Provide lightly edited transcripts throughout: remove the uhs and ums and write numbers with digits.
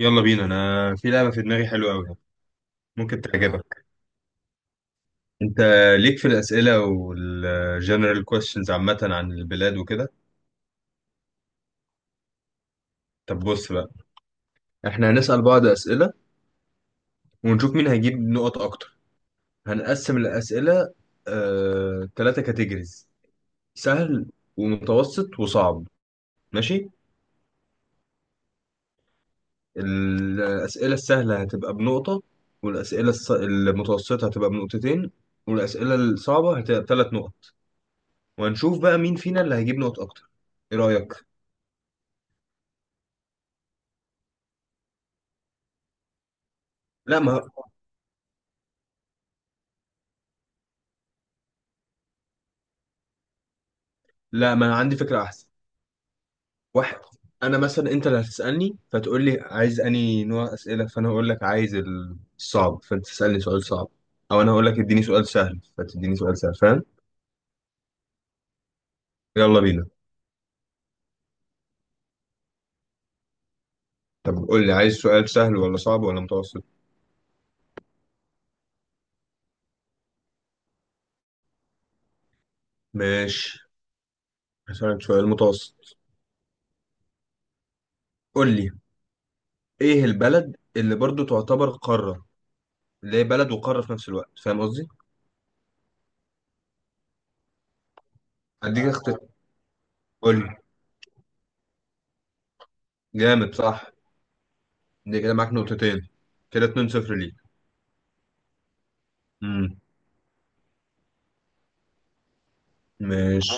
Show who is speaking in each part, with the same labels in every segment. Speaker 1: يلا بينا. انا في لعبه في دماغي حلوه قوي. ممكن تعجبك؟ انت ليك في الاسئله والجنرال كويشنز عامه عن البلاد وكده. طب بص بقى، احنا هنسال بعض اسئله ونشوف مين هيجيب نقط اكتر. هنقسم الاسئله ثلاثه كاتيجوريز: سهل ومتوسط وصعب. ماشي. الاسئله السهله هتبقى بنقطه، والاسئله المتوسطه هتبقى بنقطتين، والاسئله الصعبه هتبقى بثلاث نقط. وهنشوف بقى مين فينا اللي هيجيب نقط اكتر. ايه رايك؟ لا ما لا، ما انا عندي فكره احسن. واحد، انا مثلا انت اللي هتسالني فتقول لي عايز انهي نوع اسئله، فانا اقول لك عايز الصعب فانت تسالني سؤال صعب، او انا اقول لك اديني سؤال سهل فتديني سؤال سهل، فاهم؟ يلا بينا. طب قول لي عايز سؤال سهل ولا صعب ولا متوسط. ماشي، هسألك سؤال متوسط. قول لي، ايه البلد اللي برضو تعتبر قاره؟ اللي هي بلد وقاره في نفس الوقت، فاهم قصدي؟ اديك اختيار. قول لي. جامد، صح. دي كده معاك نقطتين. كده 2 0 ليك. امم. ماشي.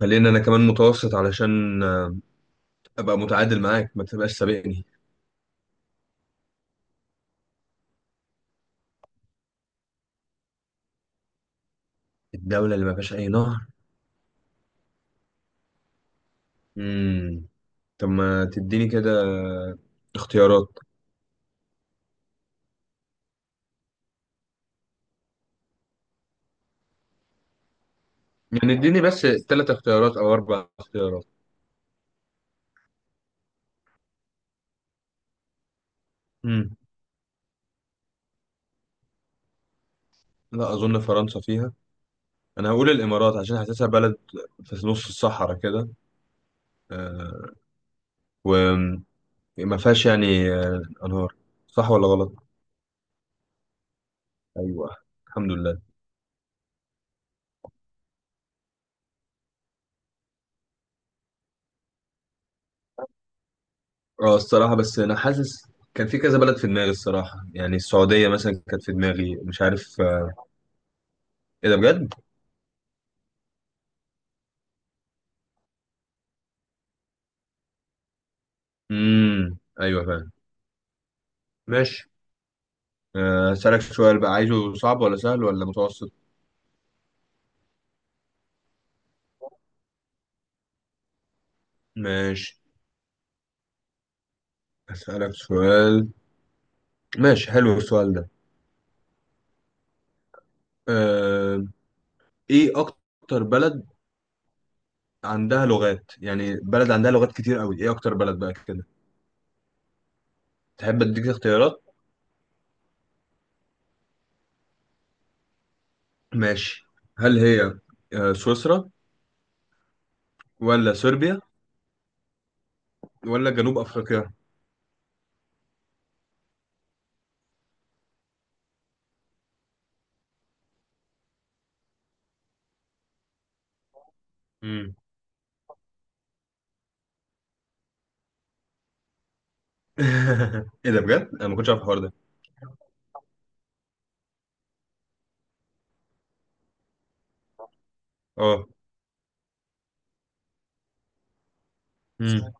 Speaker 1: خلينا انا كمان متوسط علشان ابقى متعادل معاك ما تبقاش سابقني. الدولة اللي ما فيهاش اي نهر. امم، طب ما تديني كده اختيارات. يعني اديني بس ثلاث اختيارات او اربع اختيارات. امم. لا اظن فرنسا فيها. انا هقول الامارات عشان حاسسها بلد في نص الصحراء كده، آه، وما فيهاش يعني انهار. صح ولا غلط؟ ايوه، الحمد لله. اه الصراحة بس أنا حاسس كان في كذا بلد في دماغي الصراحة، يعني السعودية مثلا كانت في دماغي، مش عارف إيه ده بجد؟ امم، أيوه فاهم. ماشي. هسألك سؤال بقى، عايزه صعب ولا سهل ولا متوسط؟ ماشي، هسألك سؤال. ماشي، حلو السؤال ده. أه... إيه أكتر بلد عندها لغات؟ يعني بلد عندها لغات كتير أوي، إيه أكتر بلد بقى كده؟ تحب أديك اختيارات؟ ماشي. هل هي سويسرا ولا صربيا ولا جنوب أفريقيا؟ مم. ايه ده بجد؟ انا ما كنتش عارف الحوار ده. اه. امم.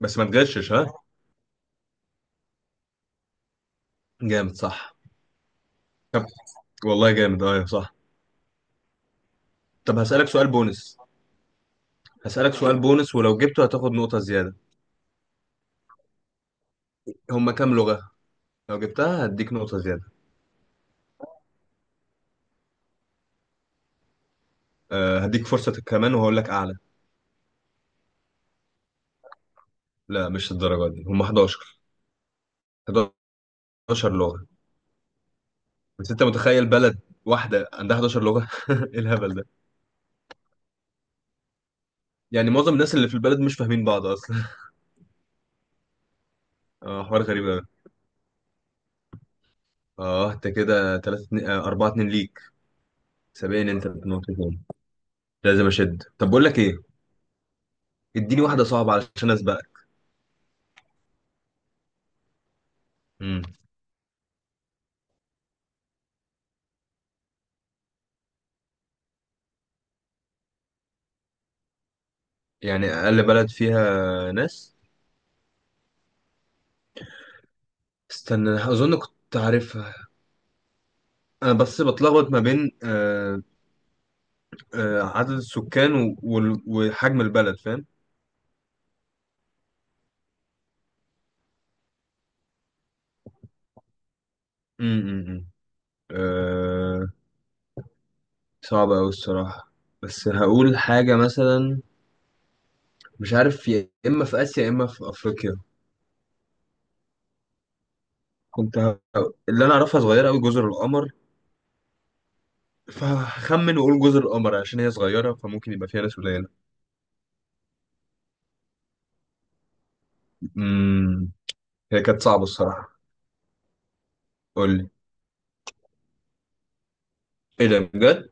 Speaker 1: بس ما تغشش ها. جامد، صح. طب والله جامد، اه صح. طب هسألك سؤال بونس. هسألك سؤال بونس ولو جبته هتاخد نقطة زيادة. هما كام لغة؟ لو جبتها هديك نقطة زيادة. أه هديك فرصة كمان وهقول لك أعلى. لا مش الدرجة دي، هما 11. 11 لغة. بس أنت متخيل بلد واحدة عندها 11 لغة؟ إيه الهبل ده؟ يعني معظم الناس اللي في البلد مش فاهمين بعض أصلا. اه حوار غريب أوي. اه أنت كده 3 2 4 2 ليك. سابقني أنت بنقطتين، لازم اشد. طب بقول لك ايه، اديني واحده صعبه علشان اسبقك. امم. يعني اقل بلد فيها ناس. استنى أنا اظن كنت عارفها. انا بس بتلخبط ما بين عدد السكان وحجم البلد، فاهم. امم. آه، صعبه قوي الصراحه. بس هقول حاجه مثلا، مش عارف يا اما في اسيا يا اما في افريقيا. كنت ه... اللي انا اعرفها صغيره قوي جزر القمر، فهخمن واقول جزر القمر عشان هي صغيره فممكن يبقى فيها ناس قليله. امم، هي كانت صعبة الصراحة. قول لي. ايه ده بجد؟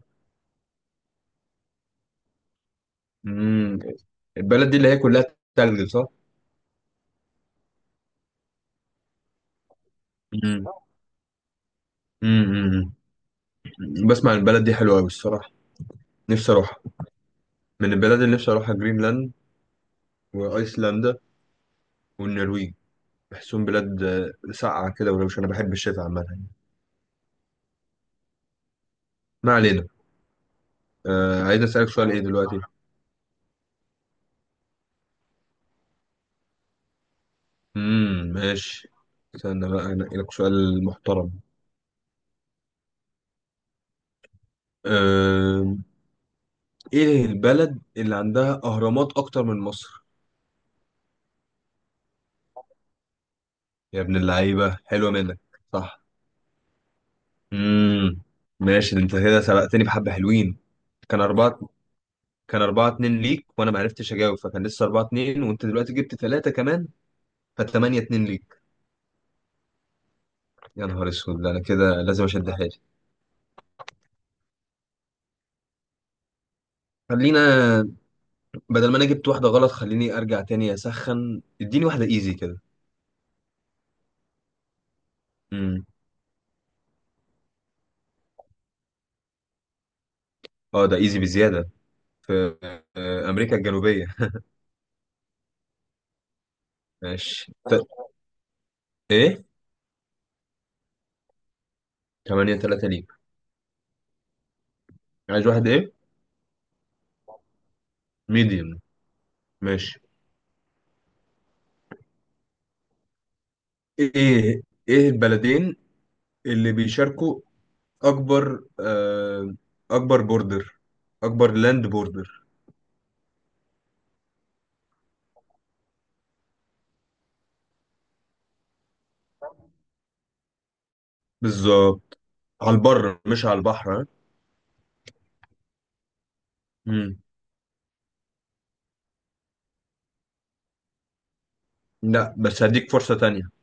Speaker 1: امم. البلد دي اللي هي كلها تلج، صح؟ مم. امم. بسمع إن البلد دي حلوة أوي الصراحة. نفسي أروحها. من البلد اللي نفسي أروحها جرينلاند وأيسلندا والنرويج. بحسهم بلاد ساقعة كده، ولو مش أنا بحب الشتاء عامة. ما علينا. آه عايز أسألك سؤال إيه دلوقتي؟ امم، ماشي. استنى بقى أنقي لك سؤال محترم. آه، إيه البلد اللي عندها أهرامات أكتر من مصر؟ يا ابن اللعيبة، حلوة منك. صح. امم. ماشي، انت كده سبقتني بحبة حلوين. كان أربعة. كان أربعة اتنين ليك وأنا ما عرفتش أجاوب فكان لسه أربعة اتنين، وأنت دلوقتي جبت تلاتة كمان فتمانية اتنين ليك. يا نهار أسود، ده أنا كده لازم أشد حيلي. خلينا، بدل ما أنا جبت واحدة غلط خليني أرجع تاني أسخن، اديني واحدة إيزي كده. امم. أه ده إيزي بزيادة. في أمريكا الجنوبية. ماشي إيه؟ تمانية تلاتة ليك. عايز واحد إيه؟ ميديوم. ماشي. ايه، ايه البلدين اللي بيشاركوا اكبر آه، اكبر بوردر، اكبر لاند بوردر. بالظبط. على البر مش على البحر، ها؟ مم. لا بس هديك فرصة تانية.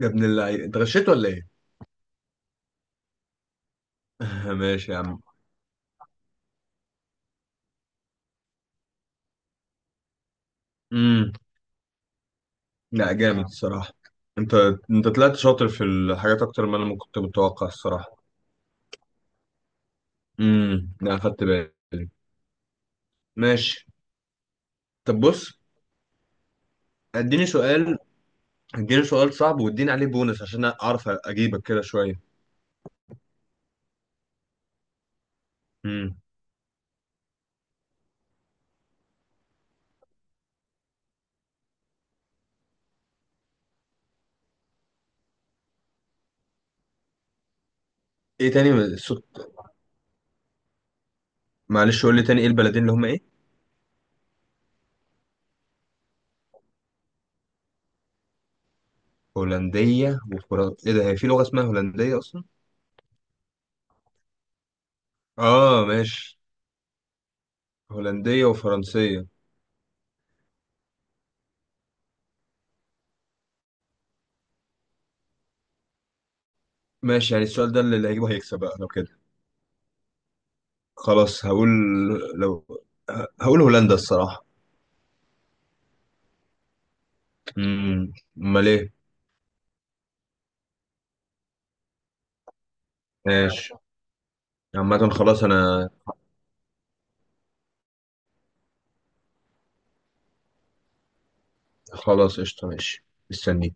Speaker 1: يا ابن اللعيب انت غشيت ولا ايه. ماشي يا عم. مم. لا جامد الصراحة. انت انت طلعت شاطر في الحاجات اكتر ما انا ما كنت متوقع الصراحة. امم. لا خدت بالي. ماشي، طب بص. اديني سؤال. اديني سؤال صعب واديني عليه بونس عشان اعرف اجيبك كده شوية. امم. ايه، تاني صوت؟ معلش قول لي تاني، ايه البلدين اللي هم ايه هولندية وفرنسا؟ ايه ده، هي في لغة اسمها هولندية اصلا؟ اه ماشي. هولندية وفرنسية. ماشي، يعني السؤال ده اللي هيجيبه هيكسب بقى لو كده. خلاص هقول، لو هقول هولندا الصراحة. امم. امال ايه. ماشي. عامة خلاص انا. خلاص قشطة، ماشي. مستني.